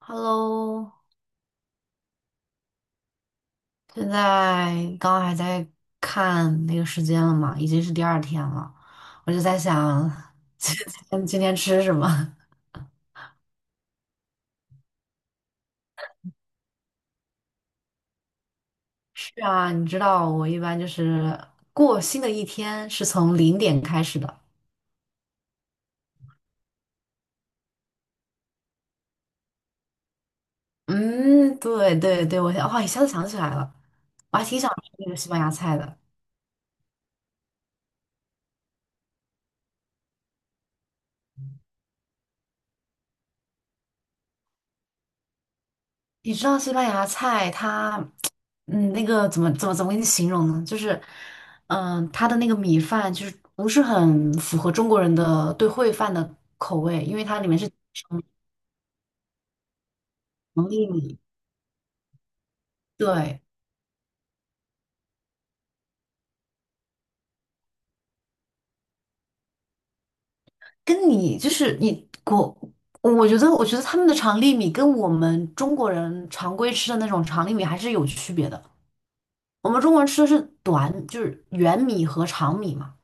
Hello,现在刚刚还在看那个时间了嘛，已经是第二天了，我就在想 今今天吃什么？是啊，你知道我一般就是过新的一天是从零点开始的。嗯，对对对，我想，哇，一下子想起来了，我还挺想吃那个西班牙菜的。你知道西班牙菜它，嗯，那个怎么给你形容呢？就是，嗯、它的那个米饭就是不是很符合中国人的对烩饭的口味，因为它里面是嗯长粒米，对，跟你就是你国，我觉得他们的长粒米跟我们中国人常规吃的那种长粒米还是有区别的。我们中国人吃的是短，就是圆米和长米嘛。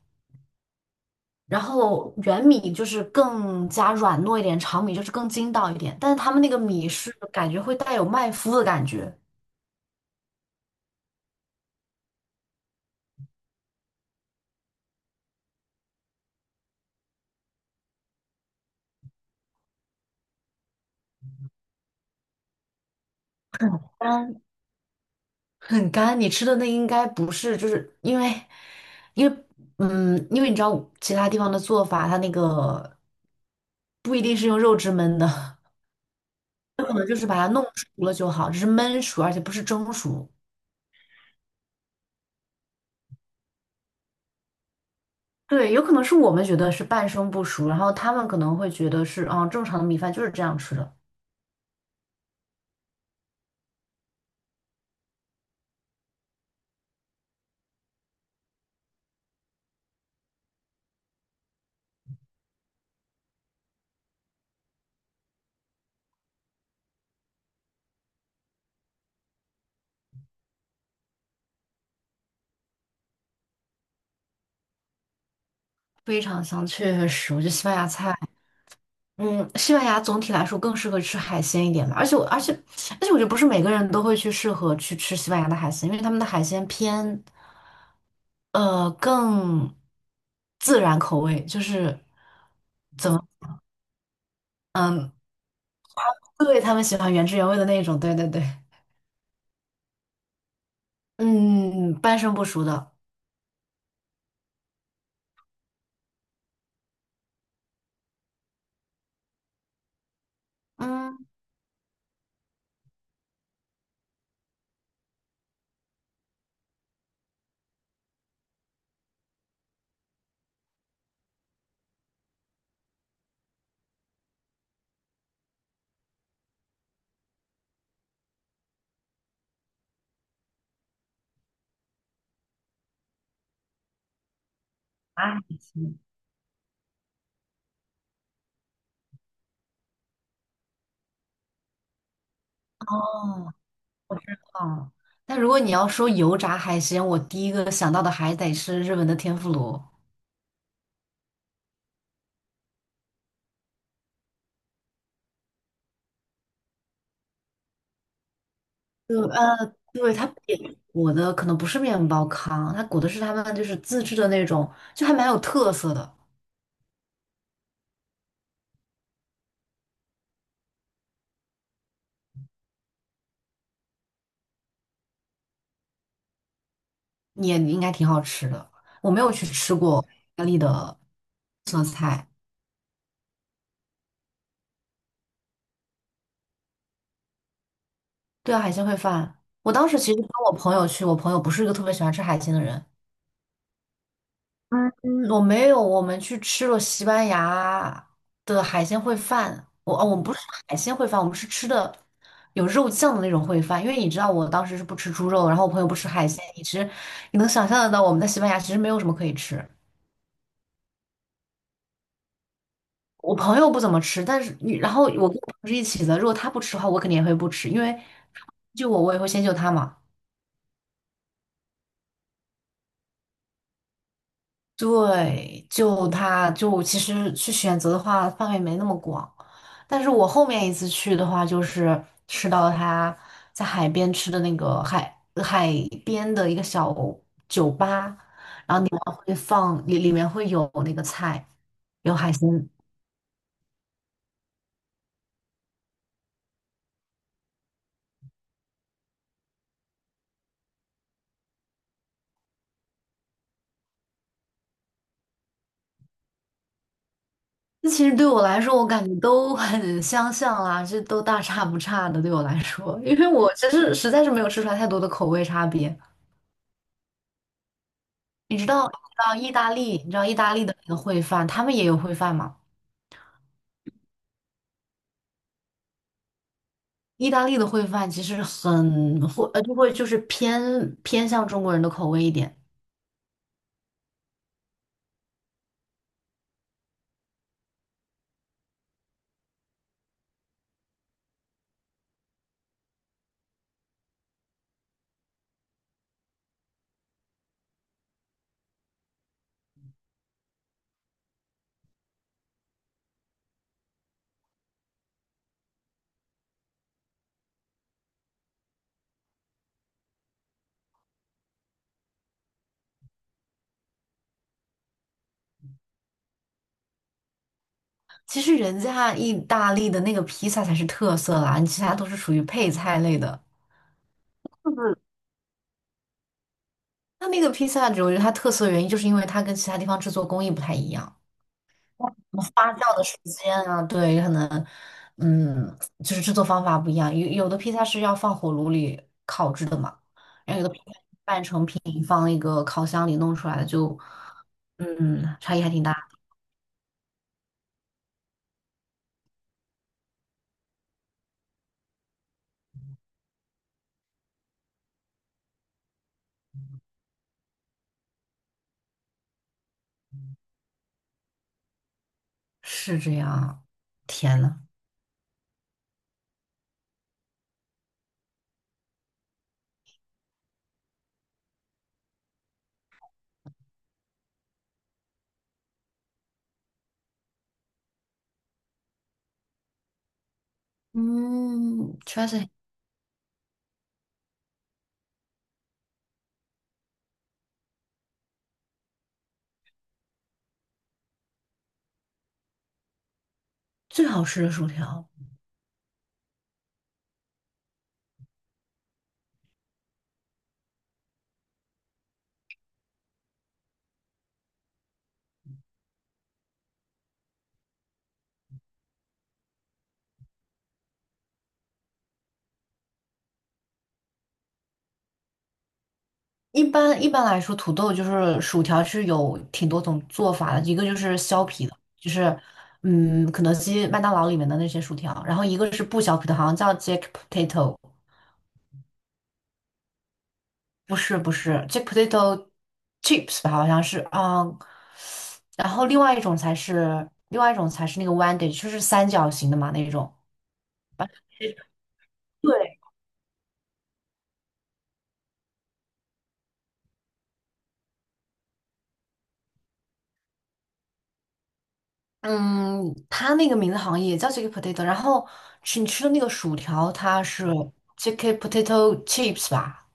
然后圆米就是更加软糯一点，长米就是更筋道一点，但是他们那个米是感觉会带有麦麸的感觉，很干很干。你吃的那应该不是，就是因为嗯，因为你知道其他地方的做法，它那个不一定是用肉汁焖的，可能就是把它弄熟了就好，只是焖熟，而且不是蒸熟。对，有可能是我们觉得是半生不熟，然后他们可能会觉得是啊，正常的米饭就是这样吃的。非常香，确实，我觉得西班牙菜，嗯，西班牙总体来说更适合吃海鲜一点吧。而且我，而且，而且，我觉得不是每个人都会去适合去吃西班牙的海鲜，因为他们的海鲜偏，更自然口味，就是怎么，嗯，对，他们喜欢原汁原味的那种，对对对，嗯，半生不熟的，嗯，炸海鲜，哦，我知道。但如果你要说油炸海鲜，我第一个想到的还得是日本的天妇罗。对，对，它也裹的可能不是面包糠，它裹的是他们就是自制的那种，就还蛮有特色的，也应该挺好吃的。我没有去吃过意大利的色菜，对啊，海鲜烩饭。我当时其实跟我朋友去，我朋友不是一个特别喜欢吃海鲜的人，嗯我没有，我们去吃了西班牙的海鲜烩饭。我哦，我们不是海鲜烩饭，我们是吃的有肉酱的那种烩饭。因为你知道，我当时是不吃猪肉，然后我朋友不吃海鲜，你其实你能想象得到，我们在西班牙其实没有什么可以吃。我朋友不怎么吃，但是你，然后我跟我朋友是一起的，如果他不吃的话，我肯定也会不吃，因为就我，我也会先救他嘛。对，就他就其实去选择的话，范围没那么广。但是我后面一次去的话，就是吃到他在海边吃的那个海边的一个小酒吧，会放里面会有那个菜，有海鲜。那其实对我来说，我感觉都很相像啦，这都大差不差的。对我来说，因为我其实实在是没有吃出来太多的口味差别。你知道意大利的那个烩饭，他们也有烩饭嘛？意大利的烩饭其实很会，就会就是偏向中国人的口味一点。其实人家意大利的那个披萨才是特色啦，你其他都是属于配菜类的。它那个披萨，我觉得它特色的原因就是因为它跟其他地方制作工艺不太一样，什么发酵的时间啊，对，可能，嗯，就是制作方法不一样。有的披萨是要放火炉里烤制的嘛，然后有的披萨是你放一个烤箱里弄出来的就，嗯，差异还挺大。是这样啊。天呐，嗯，确实最好吃的薯条。一般来说，土豆就是薯条是有挺多种做法的，一个就是削皮的，就是嗯，肯德基、麦当劳里面的那些薯条，然后一个是不削皮的，好像叫 Jack Potato,不是 Jack Potato Chips 吧，好像是啊、然后另外一种才是那个 Wendy,就是三角形的嘛那种。对。嗯，它那个名字好像也叫 JK Potato,然后吃你吃的那个薯条，它是 JK Potato Chips 吧，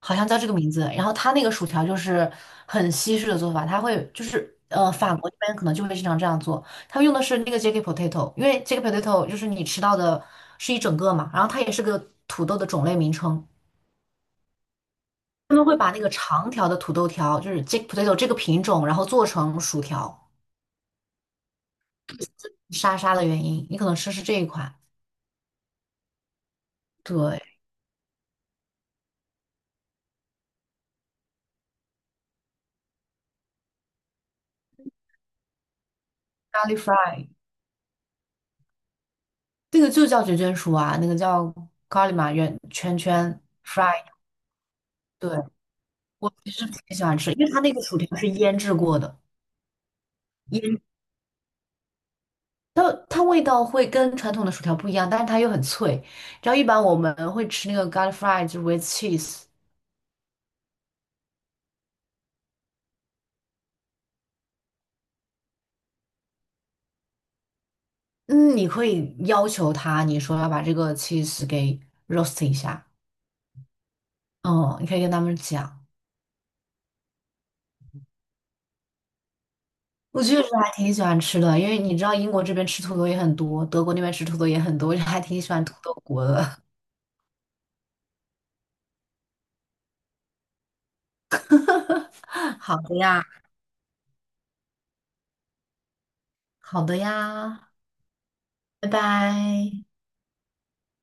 好像叫这个名字。然后它那个薯条就是很西式的做法，它会就是呃，法国那边可能就会经常这样做，它用的是那个 JK Potato,因为 JK Potato 就是你吃到的是一整个嘛，然后它也是个土豆的种类名称，他们会把那个长条的土豆条，就是 JK Potato 这个品种，然后做成薯条，沙沙的原因，你可能吃是这一款，对。g a l 咖喱 fry,那个就叫卷卷薯啊，那个叫 g a r 咖喱嘛，圆圈圈 fry。对，我其实挺喜欢吃，因为它那个薯条是腌制过的，腌它它味道会跟传统的薯条不一样，但是它又很脆。然后一般我们会吃那个 Garlic fry 就是 with cheese,嗯，你可以要求他，你说要把这个 cheese 给 roast 一下，嗯，你可以跟他们讲。我确实还挺喜欢吃的，因为你知道英国这边吃土豆也很多，德国那边吃土豆也很多，我就还挺喜欢土豆国的。好的呀，好的呀，拜拜。